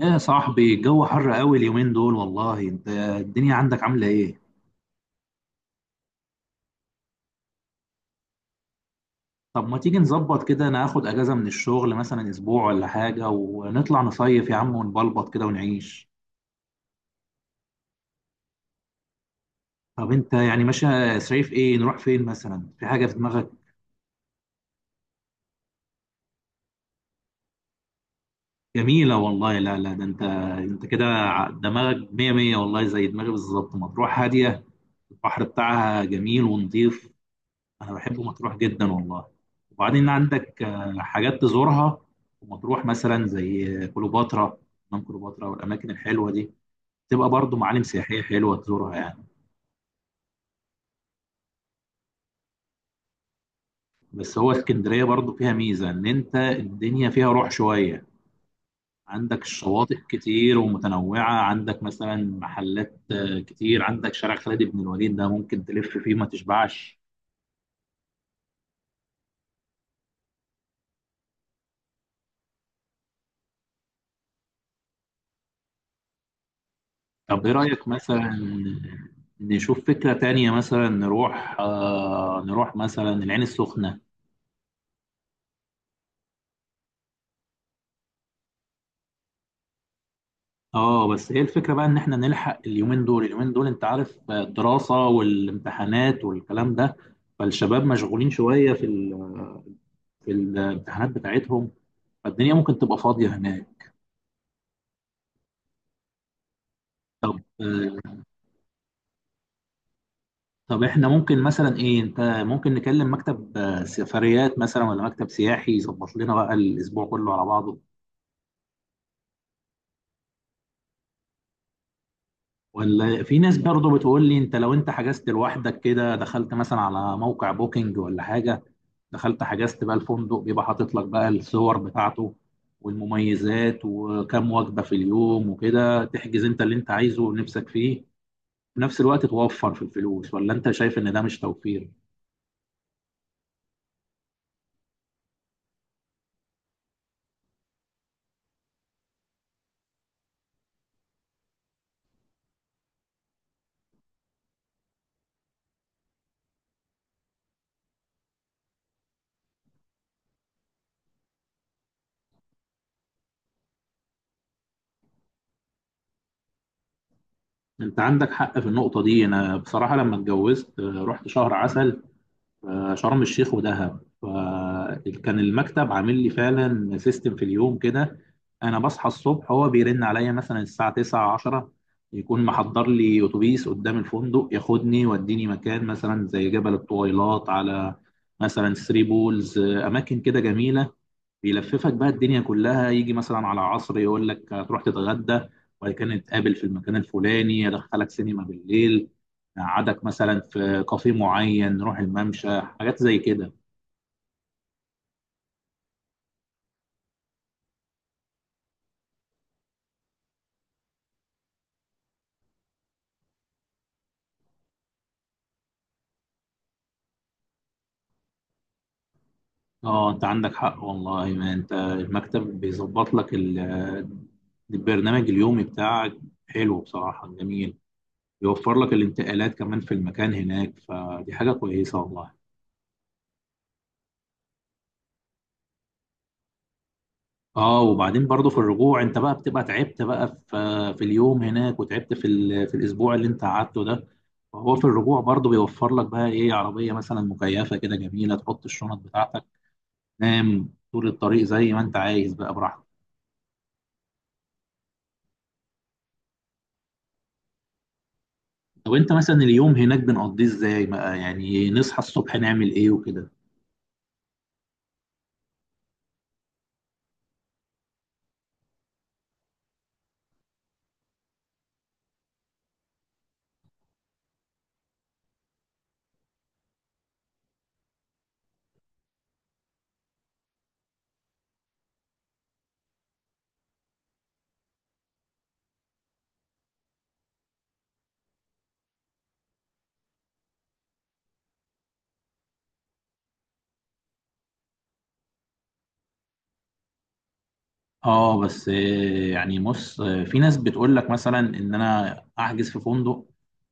يا صاحبي الجو حر قوي اليومين دول، والله انت الدنيا عندك عاملة ايه؟ طب ما تيجي نظبط كده، انا اخد اجازة من الشغل مثلا اسبوع ولا حاجة، ونطلع نصيف يا عم ونبلبط كده ونعيش. طب انت يعني ماشي؟ صيف ايه؟ نروح فين مثلا؟ في حاجة في دماغك؟ جميلة والله. لا لا، ده انت دماغك مية مية والله، زي دماغي بالظبط. مطروح هادية، البحر بتاعها جميل ونضيف. انا بحب مطروح جدا والله. وبعدين عندك حاجات تزورها في مطروح، مثلا زي كليوباترا، حمام كليوباترا والاماكن الحلوه دي، تبقى برضو معالم سياحيه حلوه تزورها يعني. بس هو اسكندريه برضو فيها ميزه، ان انت الدنيا فيها روح شويه، عندك الشواطئ كتير ومتنوعه، عندك مثلا محلات كتير، عندك شارع خالد بن الوليد ده ممكن تلف فيه ما تشبعش. طب إيه رأيك مثلا نشوف فكرة تانية؟ مثلا نروح مثلا العين السخنة. اه، بس ايه الفكرة بقى، ان احنا نلحق اليومين دول، اليومين دول انت عارف الدراسة والامتحانات والكلام ده، فالشباب مشغولين شوية في الامتحانات بتاعتهم، فالدنيا ممكن تبقى فاضية هناك. آه. طب احنا ممكن مثلا ايه، انت ممكن نكلم مكتب سفريات مثلا، ولا مكتب سياحي، يظبط لنا بقى الاسبوع كله على بعضه. ولا في ناس برضو بتقول لي انت، لو انت حجزت لوحدك كده، دخلت مثلا على موقع بوكينج ولا حاجة، دخلت حجزت بقى الفندق، بيبقى حاطط لك بقى الصور بتاعته والمميزات، وكم وجبة في اليوم، وكده تحجز انت اللي انت عايزه ونفسك فيه، في نفس الوقت توفر في الفلوس. ولا انت شايف ان ده مش توفير؟ انت عندك حق في النقطة دي. انا بصراحة لما اتجوزت رحت شهر عسل، شرم الشيخ ودهب، فكان المكتب عامل لي فعلا سيستم في اليوم كده. انا بصحى الصبح، هو بيرن عليا مثلا الساعه 9 10، يكون محضر لي اتوبيس قدام الفندق، ياخدني يوديني مكان مثلا زي جبل الطويلات، على مثلا ثري بولز، اماكن كده جميله. بيلففك بقى الدنيا كلها، يجي مثلا على عصر يقول لك هتروح تتغدى، وبعد كده نتقابل في المكان الفلاني، يدخلك سينما بالليل، قعدك مثلا في كافيه معين، نروح الممشى، حاجات زي كده. اه انت عندك حق والله، ما انت المكتب بيظبط لك البرنامج اليومي بتاعك. حلو بصراحة، جميل. يوفر لك الانتقالات كمان في المكان هناك، فدي حاجة كويسة والله. اه، وبعدين برضه في الرجوع، انت بقى بتبقى تعبت بقى في اليوم هناك، وتعبت في الاسبوع اللي انت قعدته ده، فهو في الرجوع برضه بيوفر لك بقى ايه، عربيه مثلا مكيفه كده جميله، تحط الشنط بتاعتك، تنام طول الطريق زي ما انت عايز بقى براحتك. طب انت مثلا اليوم هناك بنقضيه ازاي بقى يعني؟ نصحى الصبح نعمل ايه وكده؟ اه، بس يعني بص في ناس بتقول لك مثلا ان انا احجز في فندق،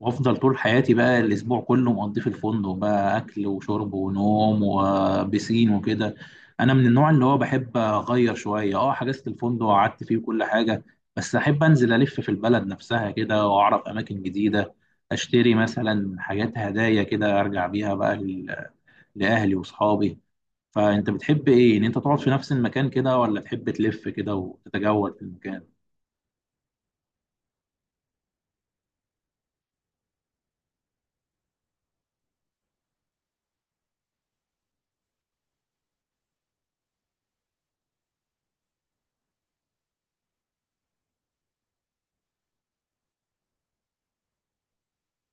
وافضل طول حياتي بقى الاسبوع كله مقضيه في الفندق، بقى اكل وشرب ونوم وبسين وكده. انا من النوع اللي هو بحب اغير شويه. اه حجزت الفندق وقعدت فيه وكل حاجه، بس احب انزل الف في البلد نفسها كده، واعرف اماكن جديده، اشتري مثلا حاجات هدايا كده ارجع بيها بقى لأهلي وأصحابي. فأنت بتحب إيه؟ إن أنت تقعد في نفس المكان كده، ولا تحب تلف كده وتتجول في المكان؟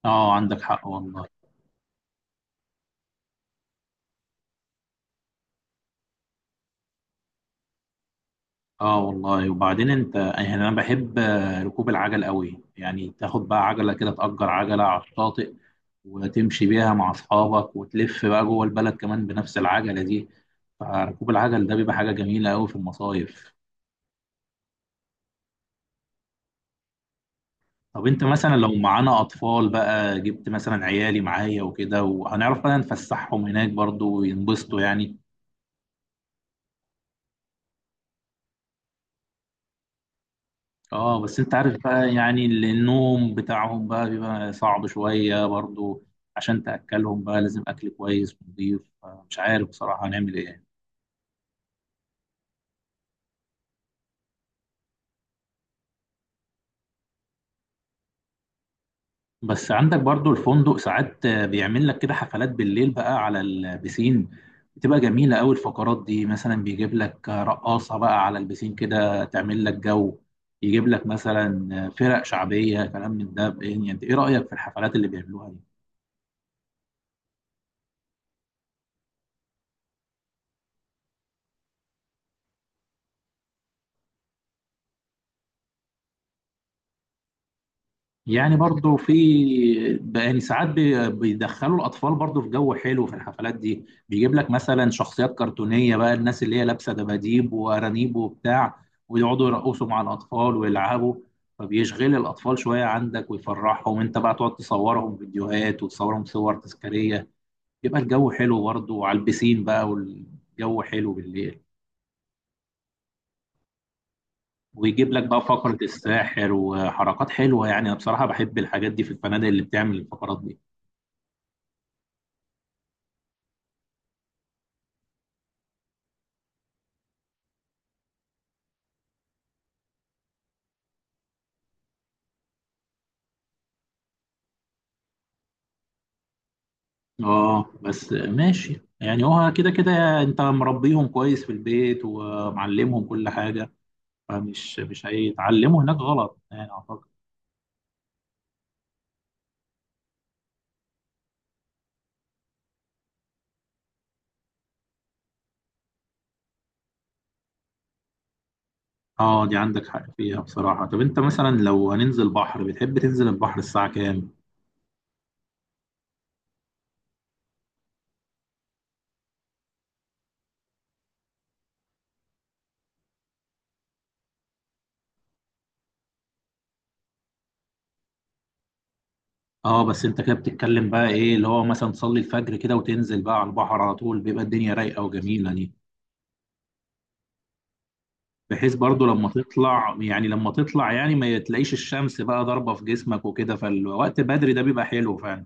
آه عندك حق والله. آه والله. وبعدين أنت يعني أنا بحب ركوب العجل قوي، يعني تاخد بقى عجلة كده، تأجر عجلة على الشاطئ، وتمشي بيها مع أصحابك، وتلف بقى جوه البلد كمان بنفس العجلة دي، فركوب العجل ده بيبقى حاجة جميلة قوي في المصايف. طب انت مثلا لو معانا اطفال بقى، جبت مثلا عيالي معايا وكده، وهنعرف بقى نفسحهم هناك برضو وينبسطوا يعني؟ اه، بس انت عارف بقى يعني النوم بتاعهم بقى بيبقى صعب شوية برضو، عشان تأكلهم بقى لازم اكل كويس ونضيف. مش عارف بصراحة هنعمل ايه. بس عندك برضو الفندق ساعات بيعمل لك كده حفلات بالليل بقى على البسين، بتبقى جميلة أوي الفقرات دي، مثلا بيجيب لك رقاصة بقى على البسين كده تعمل لك جو، يجيب لك مثلا فرق شعبية، كلام من ده يعني. انت ايه رأيك في الحفلات اللي بيعملوها دي؟ يعني برضو في يعني ساعات بيدخلوا الاطفال برضو في جو حلو في الحفلات دي، بيجيب لك مثلا شخصيات كرتونيه بقى، الناس اللي هي لابسه دباديب وارانيب وبتاع، ويقعدوا يرقصوا مع الاطفال ويلعبوا، فبيشغل الاطفال شويه عندك ويفرحهم، انت بقى تقعد تصورهم فيديوهات وتصورهم صور تذكاريه، يبقى الجو حلو برضو، وعلى البسين بقى والجو حلو بالليل. ويجيب لك بقى فقرة الساحر وحركات حلوة يعني. أنا بصراحة بحب الحاجات دي في الفنادق اللي بتعمل الفقرات دي. اه بس ماشي يعني، هو كده كده انت مربيهم كويس في البيت ومعلمهم كل حاجة، فمش مش هيتعلموا هناك غلط يعني اعتقد. اه دي عندك حق فيها بصراحة. طب انت مثلا لو هننزل بحر، بتحب تنزل البحر الساعة كام؟ اه، بس انت كده بتتكلم بقى ايه اللي هو مثلا تصلي الفجر كده وتنزل بقى على البحر على طول، بيبقى الدنيا رايقة وجميلة دي، بحيث برضو لما تطلع، يعني ما تلاقيش الشمس بقى ضاربة في جسمك وكده، فالوقت بدري ده بيبقى حلو فعلا.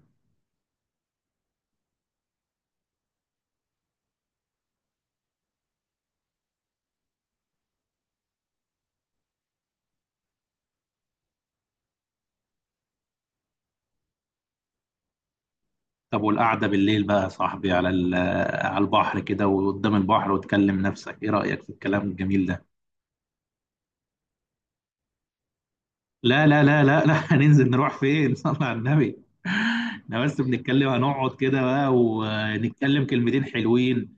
طب والقعدة بالليل بقى يا صاحبي على البحر كده وقدام البحر وتكلم نفسك، ايه رأيك في الكلام الجميل ده؟ لا لا لا لا لا هننزل نروح فين صلى على النبي. احنا بس بنتكلم، هنقعد كده بقى ونتكلم كلمتين حلوين.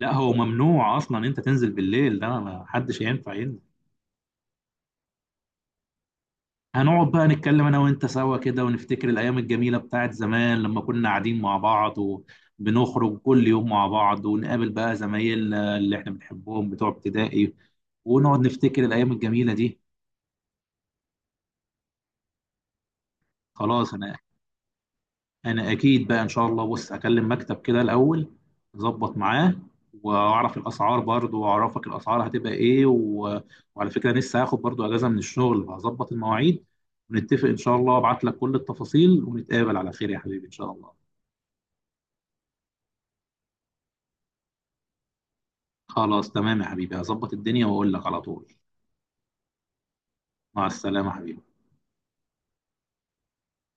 لا هو ممنوع اصلا انت تنزل بالليل ده، ما حدش ينفع ينزل. هنقعد بقى نتكلم انا وانت سوا كده، ونفتكر الايام الجميله بتاعت زمان، لما كنا قاعدين مع بعض وبنخرج كل يوم مع بعض، ونقابل بقى زمايلنا اللي احنا بنحبهم بتوع ابتدائي، ونقعد نفتكر الايام الجميله دي. خلاص انا اكيد بقى ان شاء الله. بص، هكلم مكتب كده الاول، اظبط معاه واعرف الاسعار برضو، واعرفك الاسعار هتبقى ايه وعلى فكره لسه هاخد برضو اجازه من الشغل، هظبط المواعيد ونتفق ان شاء الله، ابعت لك كل التفاصيل، ونتقابل على خير يا حبيبي ان شاء الله. خلاص تمام يا حبيبي، هظبط الدنيا واقول لك على طول. مع السلامة يا حبيبي.